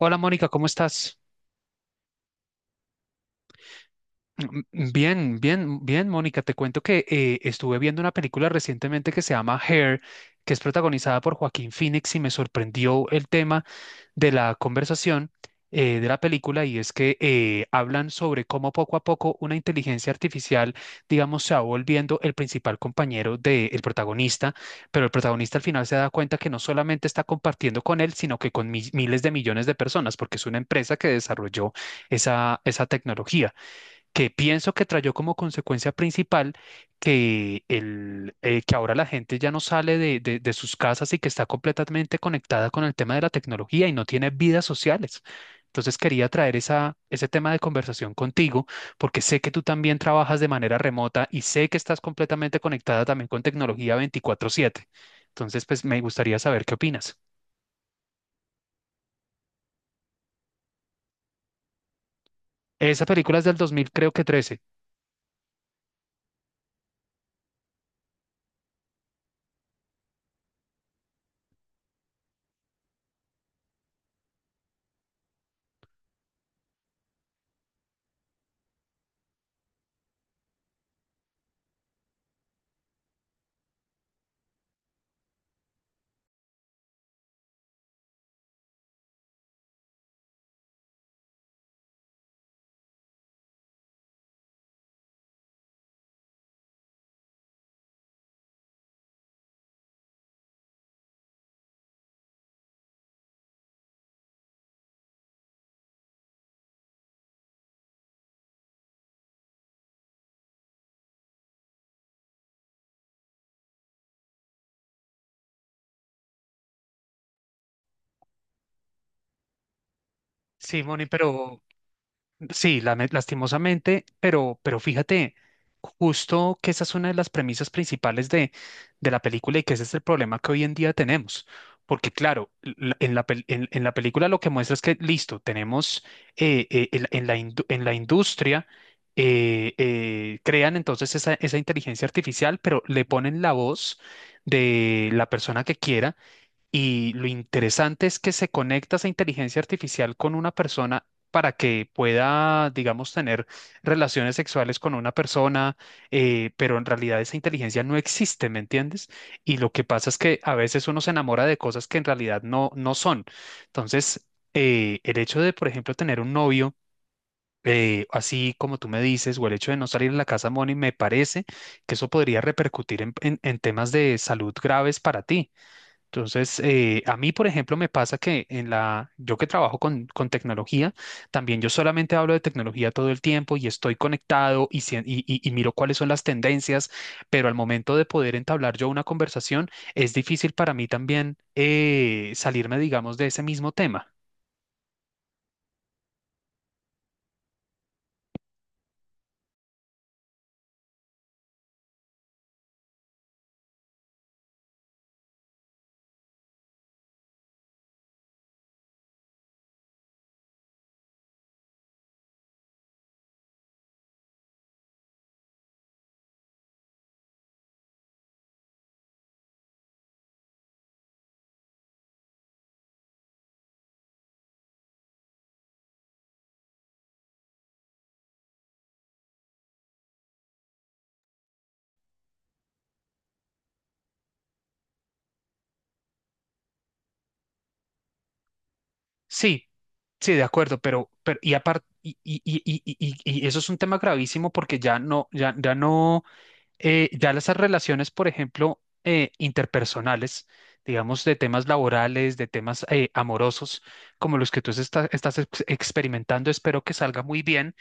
Hola Mónica, ¿cómo estás? Bien, Mónica. Te cuento que estuve viendo una película recientemente que se llama Hair, que es protagonizada por Joaquín Phoenix y me sorprendió el tema de la conversación de la película y es que hablan sobre cómo poco a poco una inteligencia artificial, digamos, se va volviendo el principal compañero del protagonista, pero el protagonista al final se da cuenta que no solamente está compartiendo con él, sino que con miles de millones de personas, porque es una empresa que desarrolló esa tecnología que pienso que trayó como consecuencia principal que ahora la gente ya no sale de sus casas y que está completamente conectada con el tema de la tecnología y no tiene vidas sociales. Entonces quería traer ese tema de conversación contigo porque sé que tú también trabajas de manera remota y sé que estás completamente conectada también con tecnología 24/7. Entonces, pues me gustaría saber qué opinas. Esa película es del 2000, creo que 13. Sí, Moni, pero sí, lastimosamente, pero fíjate, justo que esa es una de las premisas principales de la película y que ese es el problema que hoy en día tenemos. Porque claro, en en la película lo que muestra es que, listo, tenemos en la en la industria, crean entonces esa inteligencia artificial, pero le ponen la voz de la persona que quiera y lo interesante es que se conecta esa inteligencia artificial con una persona para que pueda, digamos, tener relaciones sexuales con una persona, pero en realidad esa inteligencia no existe, ¿me entiendes? Y lo que pasa es que a veces uno se enamora de cosas que en realidad no son. Entonces, el hecho de, por ejemplo, tener un novio, así como tú me dices, o el hecho de no salir de la casa, Moni, me parece que eso podría repercutir en en temas de salud graves para ti. Entonces, a mí, por ejemplo, me pasa que en la, yo que trabajo con tecnología, también yo solamente hablo de tecnología todo el tiempo y estoy conectado y y- miro cuáles son las tendencias, pero al momento de poder entablar yo una conversación, es difícil para mí también salirme, digamos, de ese mismo tema. Sí, sí, de acuerdo, pero y aparte, y eso es un tema gravísimo porque ya ya no. Ya las relaciones, por ejemplo, interpersonales, digamos, de temas laborales, de temas amorosos, como los que tú estás experimentando, espero que salga muy bien,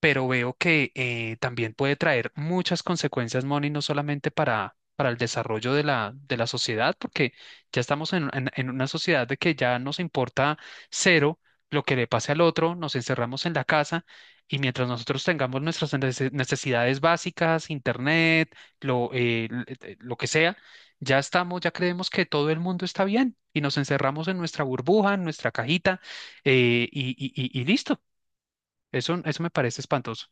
pero veo que también puede traer muchas consecuencias, Moni, no solamente para el desarrollo de de la sociedad, porque ya estamos en, en una sociedad de que ya nos importa cero lo que le pase al otro, nos encerramos en la casa y mientras nosotros tengamos nuestras necesidades básicas, internet, lo que sea, ya estamos, ya creemos que todo el mundo está bien y nos encerramos en nuestra burbuja, en nuestra cajita eh, y, y listo. Eso me parece espantoso.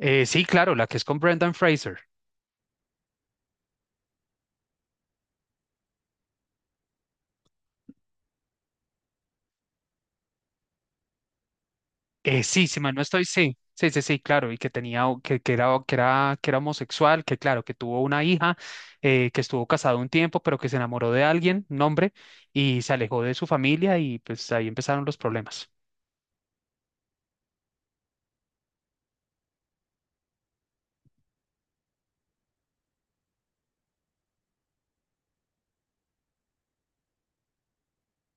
Sí, claro, la que es con Brendan Fraser. Sí, si mal no estoy, sí, claro, y que tenía, que era homosexual, que claro, que tuvo una hija, que estuvo casado un tiempo, pero que se enamoró de alguien, un hombre, y se alejó de su familia y pues ahí empezaron los problemas.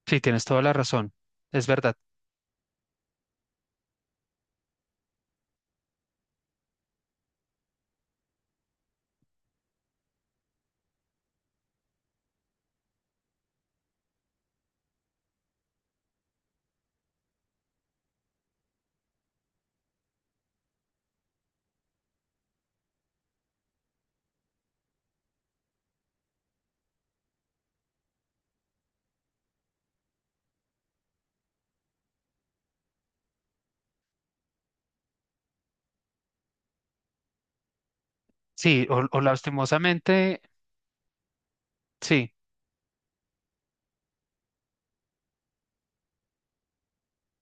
Sí, tienes toda la razón, es verdad. Sí, o lastimosamente, sí.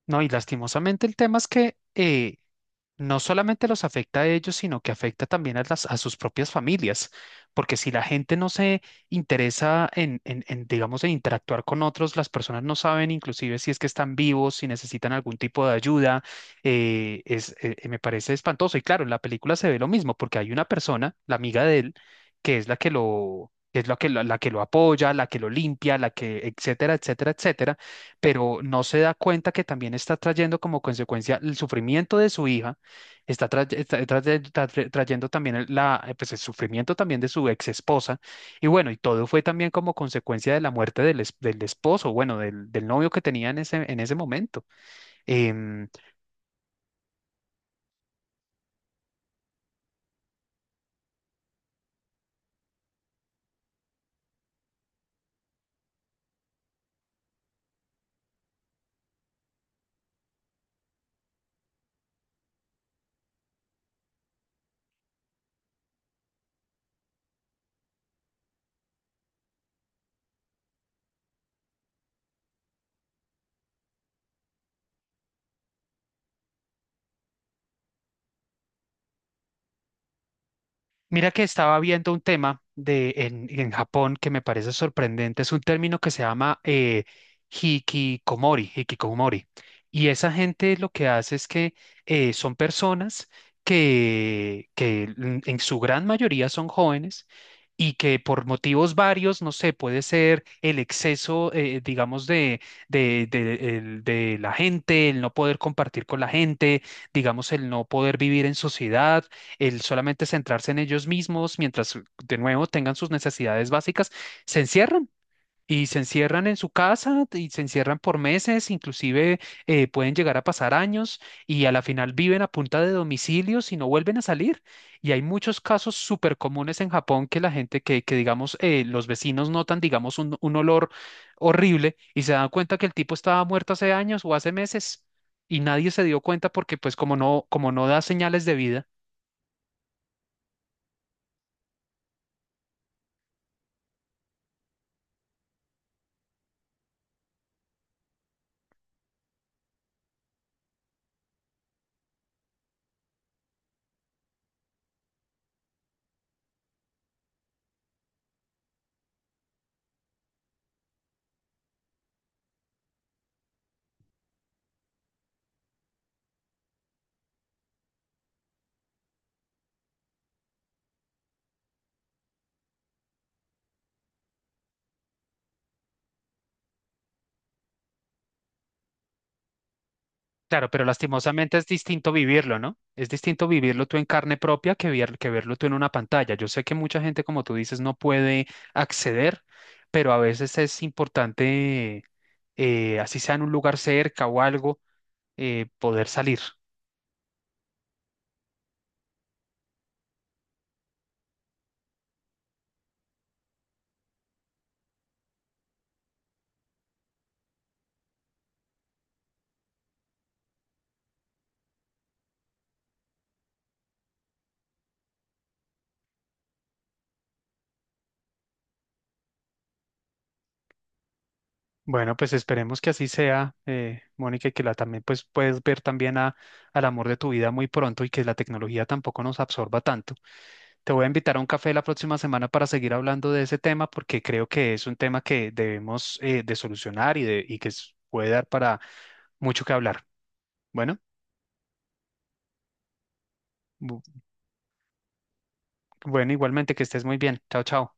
No, y lastimosamente el tema es que no solamente los afecta a ellos, sino que afecta también a a sus propias familias, porque si la gente no se interesa en, digamos, en interactuar con otros, las personas no saben inclusive si es que están vivos, si necesitan algún tipo de ayuda, me parece espantoso. Y claro, en la película se ve lo mismo, porque hay una persona, la amiga de él, que es la que lo... que Es la que la que lo apoya, la que lo limpia, la que, etcétera, etcétera, etcétera, pero no se da cuenta que también está trayendo como consecuencia el sufrimiento de su hija, está trayendo también pues el sufrimiento también de su ex esposa, y bueno, y todo fue también como consecuencia de la muerte del, del esposo, bueno, del novio que tenía en en ese momento. Em, Mira que estaba viendo un tema en Japón que me parece sorprendente. Es un término que se llama hikikomori. Y esa gente lo que hace es que son personas que en su gran mayoría son jóvenes y que por motivos varios, no sé, puede ser el exceso, digamos, de de la gente, el no poder compartir con la gente, digamos, el no poder vivir en sociedad, el solamente centrarse en ellos mismos mientras de nuevo tengan sus necesidades básicas, se encierran. Y se encierran en su casa y se encierran por meses, inclusive pueden llegar a pasar años y a la final viven a punta de domicilios y no vuelven a salir. Y hay muchos casos súper comunes en Japón que la gente que digamos, los vecinos notan, digamos, un olor horrible y se dan cuenta que el tipo estaba muerto hace años o hace meses y nadie se dio cuenta porque pues como no da señales de vida. Claro, pero lastimosamente es distinto vivirlo, ¿no? Es distinto vivirlo tú en carne propia que, que verlo tú en una pantalla. Yo sé que mucha gente, como tú dices, no puede acceder, pero a veces es importante, así sea en un lugar cerca o algo, poder salir. Bueno, pues esperemos que así sea, Mónica, y que la también pues puedes ver también a, al amor de tu vida muy pronto y que la tecnología tampoco nos absorba tanto. Te voy a invitar a un café la próxima semana para seguir hablando de ese tema porque creo que es un tema que debemos de solucionar y que puede dar para mucho que hablar. Bueno, bu- bueno, igualmente que estés muy bien. Chao, chao.